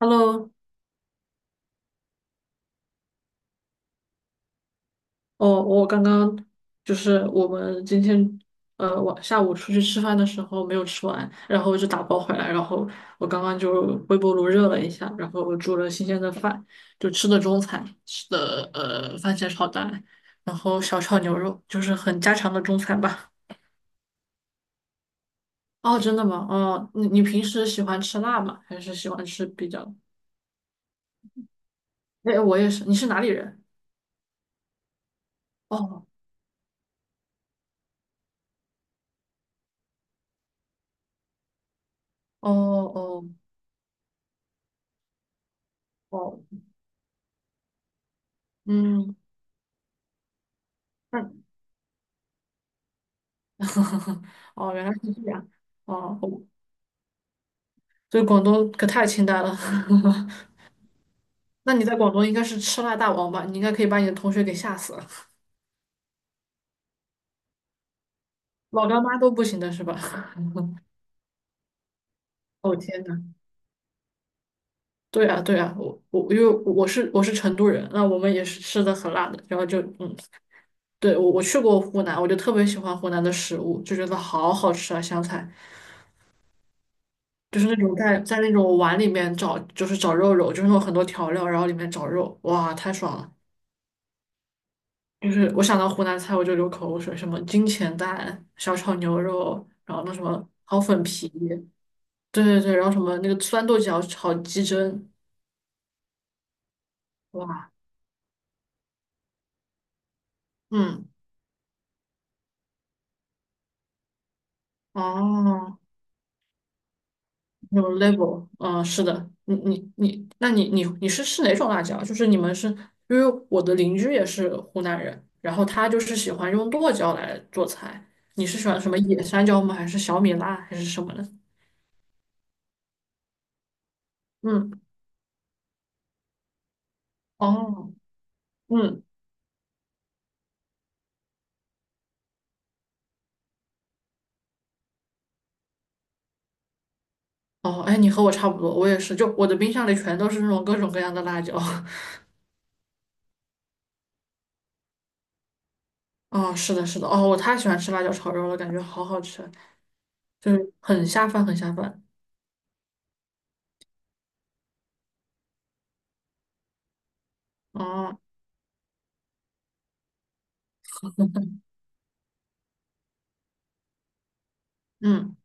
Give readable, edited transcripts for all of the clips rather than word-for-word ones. Hello，哦，我刚刚就是我们今天晚下午出去吃饭的时候没有吃完，然后就打包回来，然后我刚刚就微波炉热了一下，然后煮了新鲜的饭，就吃的中餐，吃的番茄炒蛋，然后小炒牛肉，就是很家常的中餐吧。哦，真的吗？哦，你平时喜欢吃辣吗？还是喜欢吃比较？哎，我也是。你是哪里人？哦哦哦哦，嗯。哦，原来是这样。哦，这以广东可太清淡了。那你在广东应该是吃辣大王吧？你应该可以把你的同学给吓死了，老干妈都不行的是吧？哦天呐，对啊对啊，我因为我是成都人，那我们也是吃的很辣的，然后就对我去过湖南，我就特别喜欢湖南的食物，就觉得好好吃啊，湘菜就是那种在那种碗里面找就是找肉肉，就是有很多调料，然后里面找肉，哇，太爽了。就是我想到湖南菜我就流口水，什么金钱蛋、小炒牛肉，然后那什么炒粉皮，对对对，然后什么那个酸豆角炒鸡胗，哇，嗯，哦，有 level 嗯，是的，你，那你是吃哪种辣椒？就是你们是因为我的邻居也是湖南人，然后他就是喜欢用剁椒来做菜，你是喜欢什么野山椒吗？还是小米辣还是什么的？嗯，哦，嗯。哦，哎，你和我差不多，我也是，就我的冰箱里全都是那种各种各样的辣椒。哦，是的，是的，哦，我太喜欢吃辣椒炒肉了，感觉好好吃，就是很下饭，很下饭。哦，嗯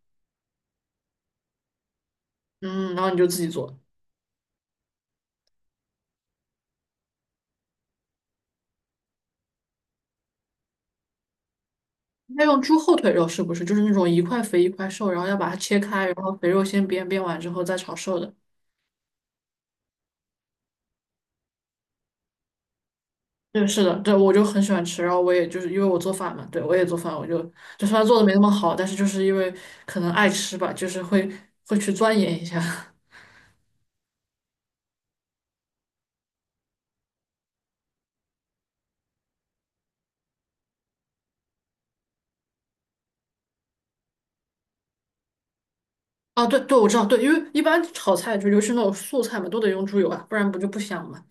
嗯，然后你就自己做。那用猪后腿肉是不是就是那种一块肥一块瘦，然后要把它切开，然后肥肉先煸，煸完之后再炒瘦的？对，是的，对，我就很喜欢吃，然后我也就是因为我做饭嘛，对，我也做饭，我就就算做的没那么好，但是就是因为可能爱吃吧，就是会去钻研一下。啊，对对，我知道，对，因为一般炒菜就尤其是那种素菜嘛，都得用猪油啊，不然不就不香嘛。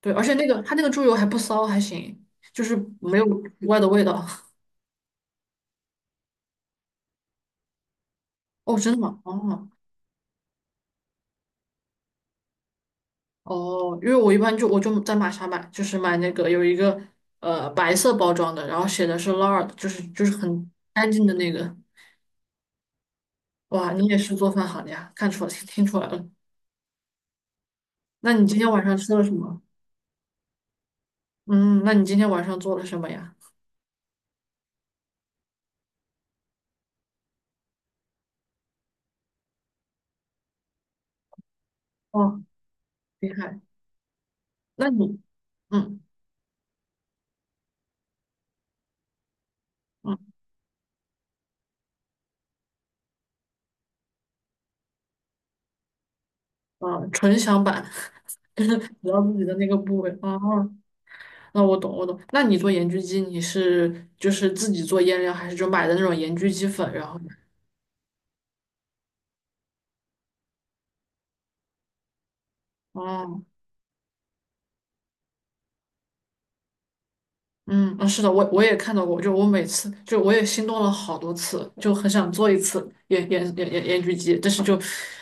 对，而且那个它那个猪油还不骚，还行，就是没有奇怪的味道。哦，真的吗？哦哦，因为我一般就我就在玛莎买，就是买那个有一个白色包装的，然后写的是 lard，就是很干净的那个。哇，你也是做饭行呀，看出来听出来了。那你今天晚上吃了什么？嗯，那你今天晚上做了什么呀？哦，厉害。那你嗯。嗯啊，纯享版，就是只要自己的那个部位啊。那我懂，我懂。那你做盐焗鸡，你是就是自己做腌料，还是就买的那种盐焗鸡粉？然后，哦，嗯，啊，是的，我也看到过，就我每次就我也心动了好多次，就很想做一次盐焗鸡，但是就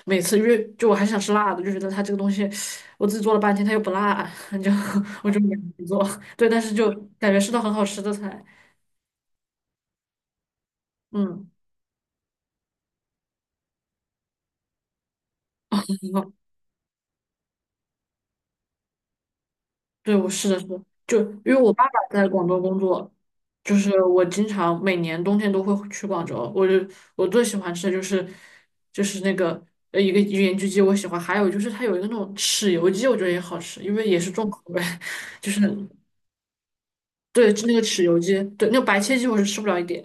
每次因为就我还想吃辣的，就觉得它这个东西我自己做了半天它又不辣，就我就没做。对，但是就感觉是道很好吃的菜，嗯。对，我是的，是的就因为我爸爸在广州工作，就是我经常每年冬天都会去广州。我就我最喜欢吃的就是就是那个一个盐焗鸡，我喜欢，还有就是它有一个那种豉油鸡，我觉得也好吃，因为也是重口味，就是对那个豉油鸡，对那个白切鸡我是吃不了一点。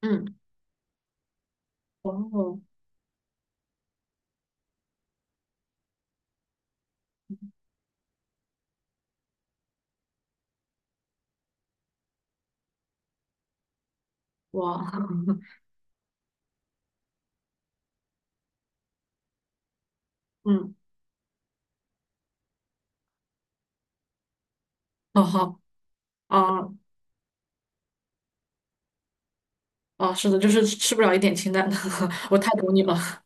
嗯，哦，哇，嗯，哦好，啊啊，是的，就是吃不了一点清淡的，我太懂你了。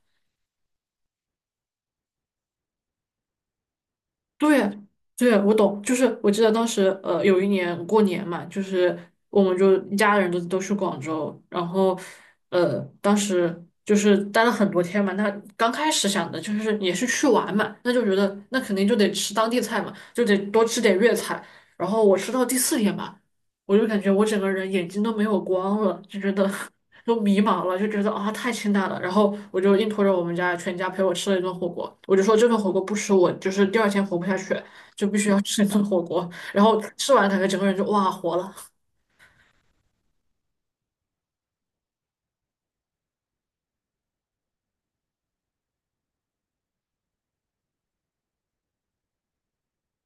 对，对，我懂，就是我记得当时，有一年过年嘛，就是我们就一家人都去广州，然后，当时就是待了很多天嘛。那刚开始想的就是也是去玩嘛，那就觉得那肯定就得吃当地菜嘛，就得多吃点粤菜。然后我吃到第四天吧，我就感觉我整个人眼睛都没有光了，就觉得 都迷茫了，就觉得啊太清淡了。然后我就硬拖着我们家全家陪我吃了一顿火锅，我就说这顿火锅不吃我就是第二天活不下去，就必须要吃一顿火锅。然后吃完感觉整个人就哇活了，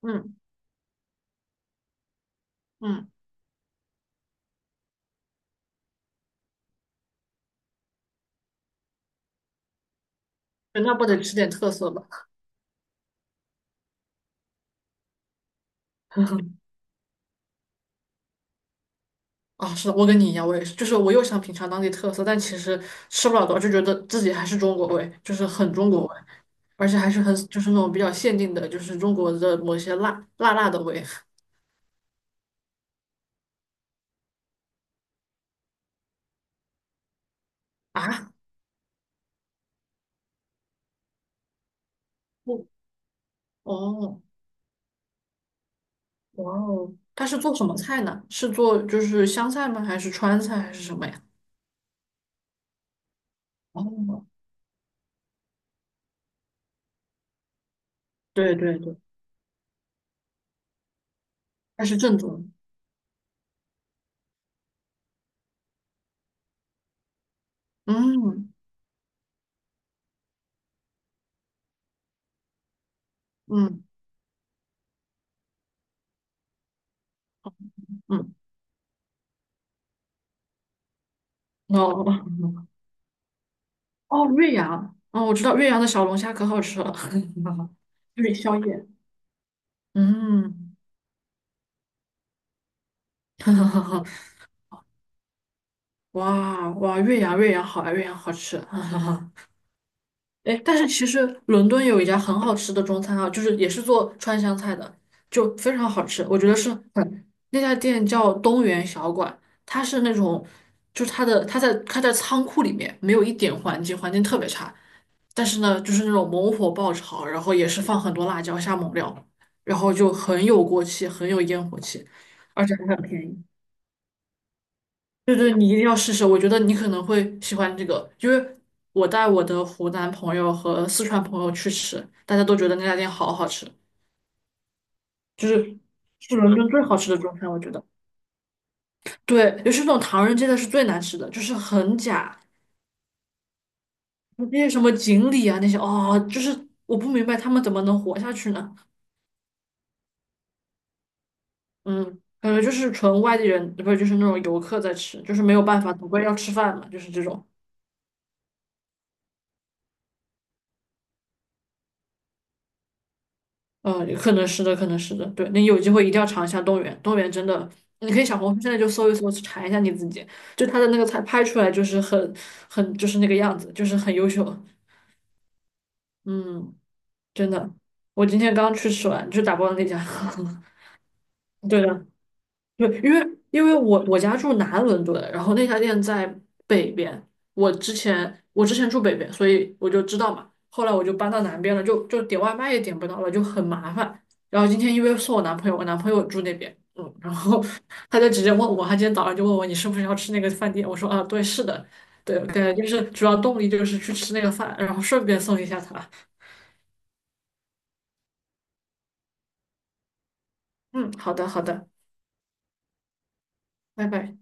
嗯嗯，那不得吃点特色吧？啊，是的，我跟你一样，我也是，就是我又想品尝当地特色，但其实吃不了多少，就觉得自己还是中国味，就是很中国味，而且还是很就是那种比较限定的，就是中国的某些辣辣辣的味。啊，不，哦，哇哦，他是做什么菜呢？是做就是湘菜吗？还是川菜还是什么呀？哦，对对对，它是正宗。嗯嗯嗯，哦 哦，岳阳，哦，我知道岳阳的小龙虾可好吃了，对，宵夜。嗯，哈哈哈哈哇哇，岳阳岳阳好啊，岳阳好吃。哎，但是其实伦敦有一家很好吃的中餐啊，就是也是做川湘菜的，就非常好吃。我觉得是很，那家店叫东园小馆，它是那种，就是它的它在仓库里面，没有一点环境，环境特别差。但是呢，就是那种猛火爆炒，然后也是放很多辣椒下猛料，然后就很有锅气，很有烟火气，而且还很便宜。对对，你一定要试试，我觉得你可能会喜欢这个，因为我带我的湖南朋友和四川朋友去吃，大家都觉得那家店好好吃，就是是伦敦最好吃的中餐，我觉得。对，尤其是那种唐人街的是最难吃的，就是很假，那些什么锦鲤啊那些，哦，就是我不明白他们怎么能活下去呢？嗯，感觉就是纯外地人，不是就是那种游客在吃，就是没有办法，总归要吃饭嘛，就是这种。可能是的，可能是的，对，你有机会一定要尝一下动物园，动物园真的，你可以小红书现在就搜一搜，去查一下你自己，就它的那个菜拍出来就是很就是那个样子，就是很优秀，嗯，真的，我今天刚去吃完，就打包的那家，对的，对，因为因为我家住南伦敦，然后那家店在北边。我之前住北边，所以我就知道嘛。后来我就搬到南边了，就点外卖也点不到了，就很麻烦。然后今天因为送我男朋友，我男朋友住那边，嗯，然后 他就直接问我，他今天早上就问我你是不是要吃那个饭店？我说啊，对，是的，对，对，就是主要动力就是去吃那个饭，然后顺便送一下他。嗯，好的，好的，拜拜。